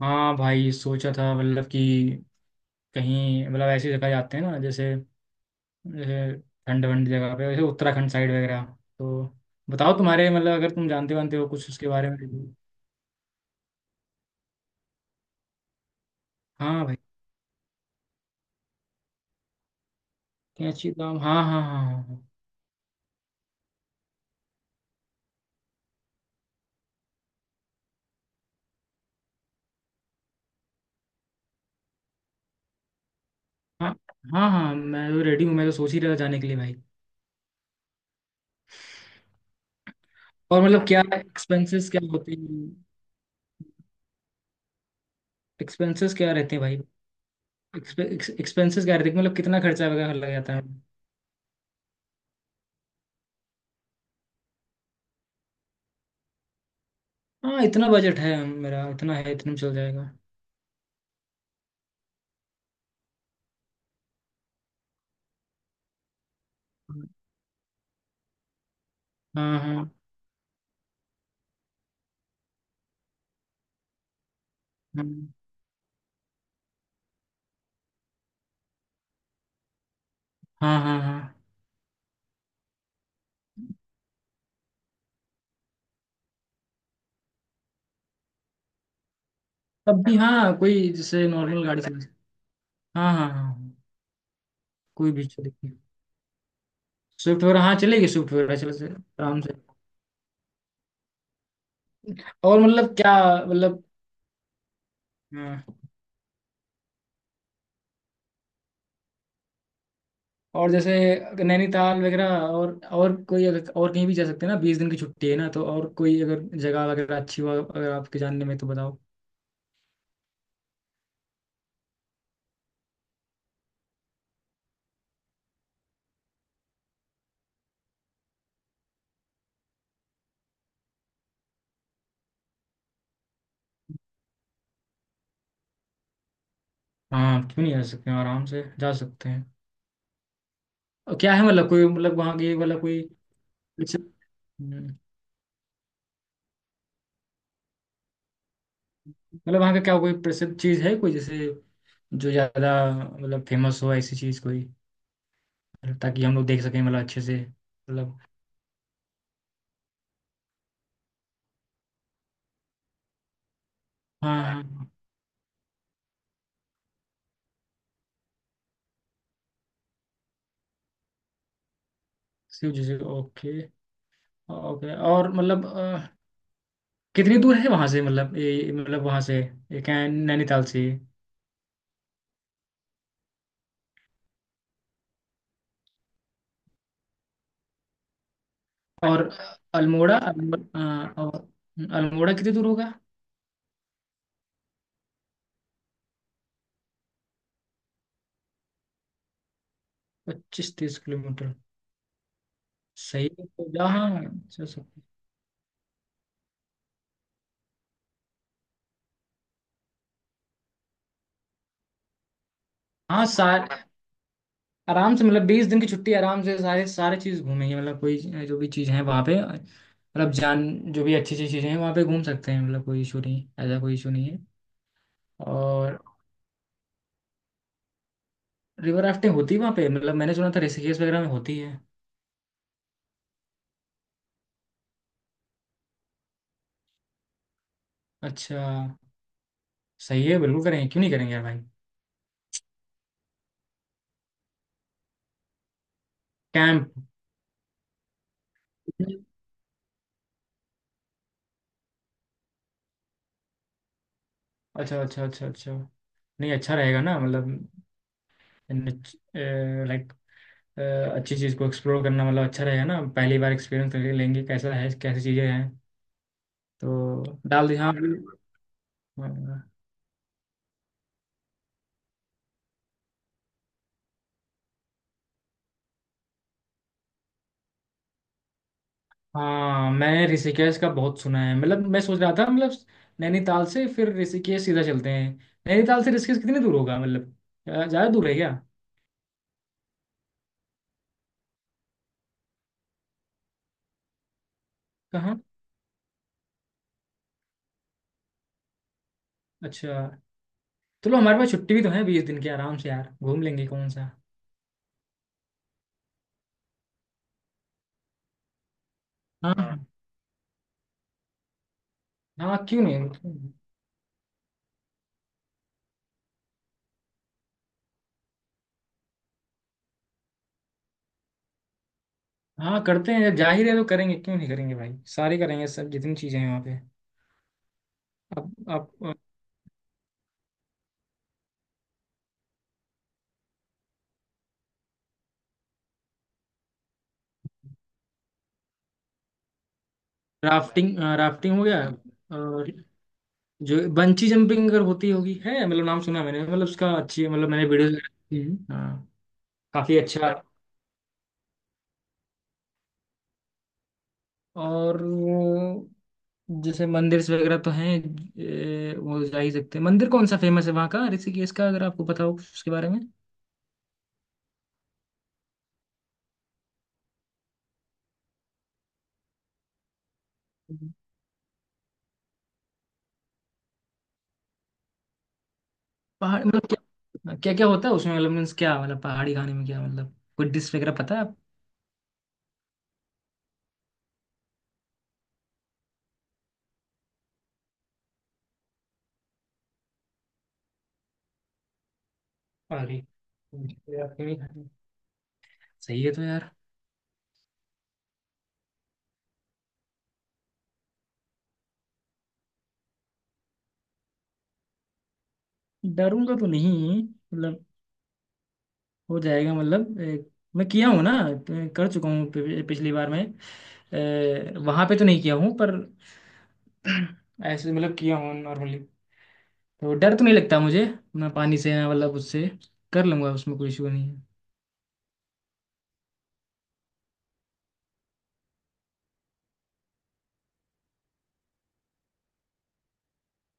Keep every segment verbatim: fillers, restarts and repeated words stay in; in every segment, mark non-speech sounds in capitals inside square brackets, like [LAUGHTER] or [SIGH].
हाँ भाई, सोचा था मतलब कि कहीं मतलब ऐसी जगह जाते हैं ना, जैसे जैसे ठंड ठंड जगह पे, जैसे उत्तराखंड साइड वगैरह। तो बताओ तुम्हारे मतलब, अगर तुम जानते वानते हो कुछ उसके बारे में। हाँ भाई, क्या अच्छी धाम, हाँ हाँ हाँ हाँ। हाँ हाँ हाँ हाँ, मैं तो रेडी हूँ, मैं तो सोच ही रहा था जाने के लिए भाई। और मतलब क्या एक्सपेंसेस क्या होते हैं? एक्सपेंसेस क्या रहते हैं भाई? एक्सपेंसेस क्या रहते हैं, मतलब कितना खर्चा वगैरह लग जाता है? हाँ, इतना बजट है मेरा, इतना है, इतने में चल जाएगा। हाँ हाँ, हम्म, हाँ हाँ हाँ। तब भी हाँ, कोई जैसे नॉर्मल गाड़ी चले। हाँ हाँ हाँ हाँ, कोई भी चलेगी। स्विफ्ट वगैरह हाँ चलेगी, स्विफ्ट वगैरह चले से आराम से। और मतलब क्या? मतलब हाँ, और जैसे नैनीताल वगैरह और और कोई अगर और कहीं भी जा सकते हैं ना, बीस दिन की छुट्टी है ना, तो और कोई अगर जगह वगैरह अच्छी हो अगर आपके जानने में तो बताओ। हाँ क्यों नहीं जा सकते हैं, आराम से जा सकते हैं। और क्या है मतलब, कोई मतलब वहाँ की मतलब कोई प्रसिद्ध- हम्म, मतलब वहाँ का क्या कोई प्रसिद्ध चीज़ है कोई, जैसे जो ज़्यादा मतलब फेमस हो, ऐसी चीज़ कोई। मतलब ताकि हम लोग देख सकें मतलब अच्छे से मतलब। हाँ हाँ हाँ। शिव जी से ओके, ओके और मतलब अ, कितनी दूर है वहाँ से, मतलब ये मतलब वहाँ से, ये क्या है, नैनीताल से। और अल्मोड़ा अल्मोड़ा, अ, और अल्मोड़ा कितनी दूर होगा? पच्चीस तीस किलोमीटर। सही है, तो जहाँ अच्छा, सब- हाँ सा- आराम से मतलब बीस दिन की छुट्टी, आराम से सारे सारे चीज़ घूमेंगे, मतलब कोई, जो भी चीज़ है वहाँ पे मतलब जान, जो भी अच्छी अच्छी चीज़ें हैं वहाँ पे घूम सकते हैं, मतलब कोई इशू नहीं, ऐसा कोई इशू नहीं है। और रिवर राफ्टिंग होती है वहाँ पे? मतलब मैंने सुना था ऋषिकेश वगैरह में होती है। अच्छा। सही है, बिल्कुल करेंगे, क्यों नहीं करेंगे यार भाई। कैंप? अच्छा अच्छा अच्छा अच्छा, नहीं अच्छा रहेगा ना, मतलब, लाइक, अच्छी चीज़ को एक्सप्लोर करना मतलब अच्छा रहेगा ना, पहली बार एक्सपीरियंस लेंगे कैसा है, कैसी चीज़ें हैं। तो डाल दिया हाँ। हाँ हाँ, मैंने ऋषिकेश का बहुत सुना है, मतलब मैं सोच रहा था मतलब, नैनीताल से फिर ऋषिकेश सीधा चलते हैं। नैनीताल से ऋषिकेश कितनी दूर होगा मतलब, ज़्यादा दूर है क्या? कहाँ? अच्छा। चलो, हमारे पास छुट्टी भी तो है बीस दिन की, आराम से यार घूम लेंगे, कौन सा। हाँ हाँ हाँ, क्यों नहीं क्यों नहीं? हाँ करते हैं, जाहिर है तो करेंगे, क्यों नहीं करेंगे भाई, सारे करेंगे सब, जितनी चीज़ें हैं वहाँ पे। अब आप, राफ्टिंग राफ्टिंग हो गया और, जो बंची जंपिंग अगर होती होगी है, मतलब नाम सुना मैंने, मतलब उसका अच्छी, मतलब मैंने वीडियोस वगैरह देखी हैं। हाँ। काफी अच्छा है। और वो जैसे मंदिर वगैरह तो हैं, ए, वो जा ही सकते हैं मंदिर, कौन सा फेमस है वहाँ का ऋषिकेश का, अगर आपको पता हो उसके बारे में। पहाड़ मतलब क्या क्या क्या होता है उसमें, मतलब मीन्स क्या, मतलब पहाड़ी खाने में क्या, मतलब कोई डिश वगैरह पता है आप? अरे यार, क्यों नहीं खाते? सही है तो यार। डरूंगा तो नहीं मतलब, हो जाएगा मतलब, ए, मैं किया हूँ ना। ए, कर चुका हूँ, पि- पिछली बार मैं, वहां पे तो नहीं किया हूँ पर [CLEARS THROAT] ऐसे मतलब किया हूँ नॉर्मली, तो डर तो नहीं लगता मुझे, ना पानी से ना मतलब उससे, कर लूंगा, उसमें कोई इशू नहीं है।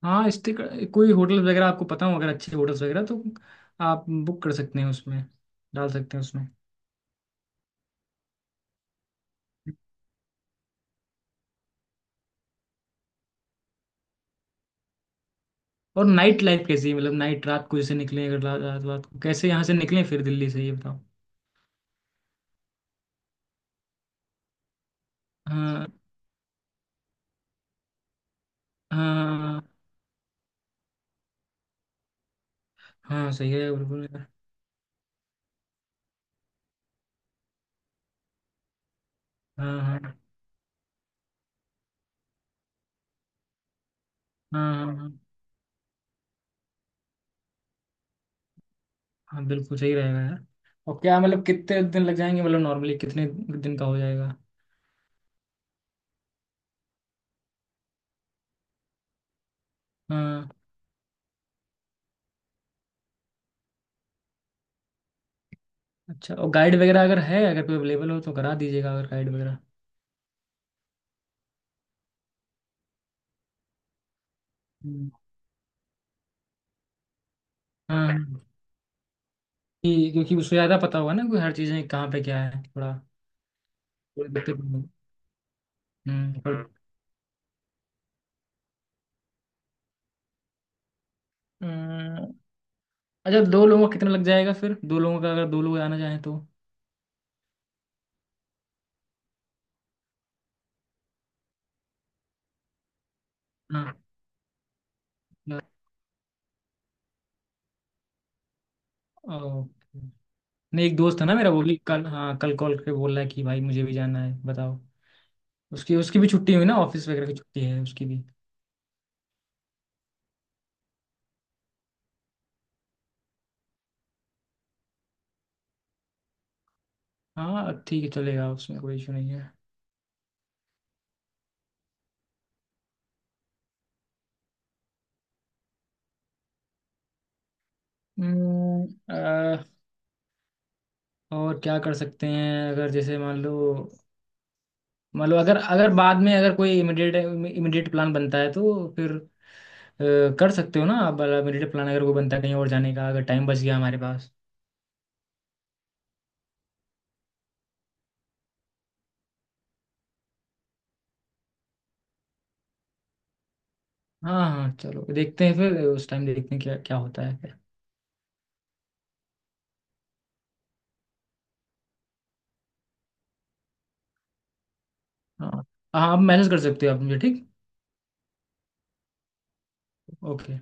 हाँ स्टे, कोई होटल वगैरह आपको पता हो अगर, अच्छे होटल्स वगैरह तो आप बुक कर सकते हैं उसमें, डाल सकते हैं उसमें। और नाइट लाइफ कैसी है, मतलब नाइट रात को जैसे निकलें, अगर रा- रात रात को कैसे यहाँ से निकलें फिर, दिल्ली से ये बताओ। हाँ हाँ हाँ हाँ, सही है बिल्कुल। हाँ हाँ हाँ हाँ हाँ, हाँ, बिल्कुल सही रहेगा यार। और क्या, मतलब कितने दिन लग जाएंगे, मतलब नॉर्मली कितने दिन का हो जाएगा? हाँ, अच्छा और गाइड वगैरह अगर है, अगर कोई अवेलेबल हो तो करा दीजिएगा, अगर गाइड वगैरह। हम्म, हाँ, कि- क्योंकि उसको ज़्यादा पता होगा ना, कोई हर चीज़ें कहाँ पे क्या है थोड़ा। कोई दिक्कत नहीं होगी। हम्म। पर- हम्म, अच्छा, दो लोगों का कितना लग जाएगा फिर, दो लोगों का अगर दो लोग आना चाहें तो? हाँ। ओके। नहीं, एक दोस्त है ना मेरा, वो भी कल, हाँ, कल कॉल करके बोल रहा है कि भाई मुझे भी जाना है, बताओ। उसकी उसकी भी छुट्टी हुई ना, ऑफिस वगैरह की छुट्टी है उसकी भी। हाँ ठीक है, चलेगा, उसमें कोई इशू नहीं है। हम्म, अ, और क्या कर सकते हैं अगर, जैसे मान लो, मान लो अगर अगर बाद में अगर कोई इमिडिएट इमिडिएट प्लान बनता है तो फिर, अ, कर सकते हो ना आप इमिडिएट प्लान, अगर कोई बनता है कहीं और जाने का, अगर टाइम बच गया हमारे पास। हाँ हाँ चलो, देखते हैं फिर उस टाइम, देखते हैं क्या क्या होता है फिर। हाँ, हाँ आप मैसेज कर सकते हो आप मुझे, ठीक। ओके।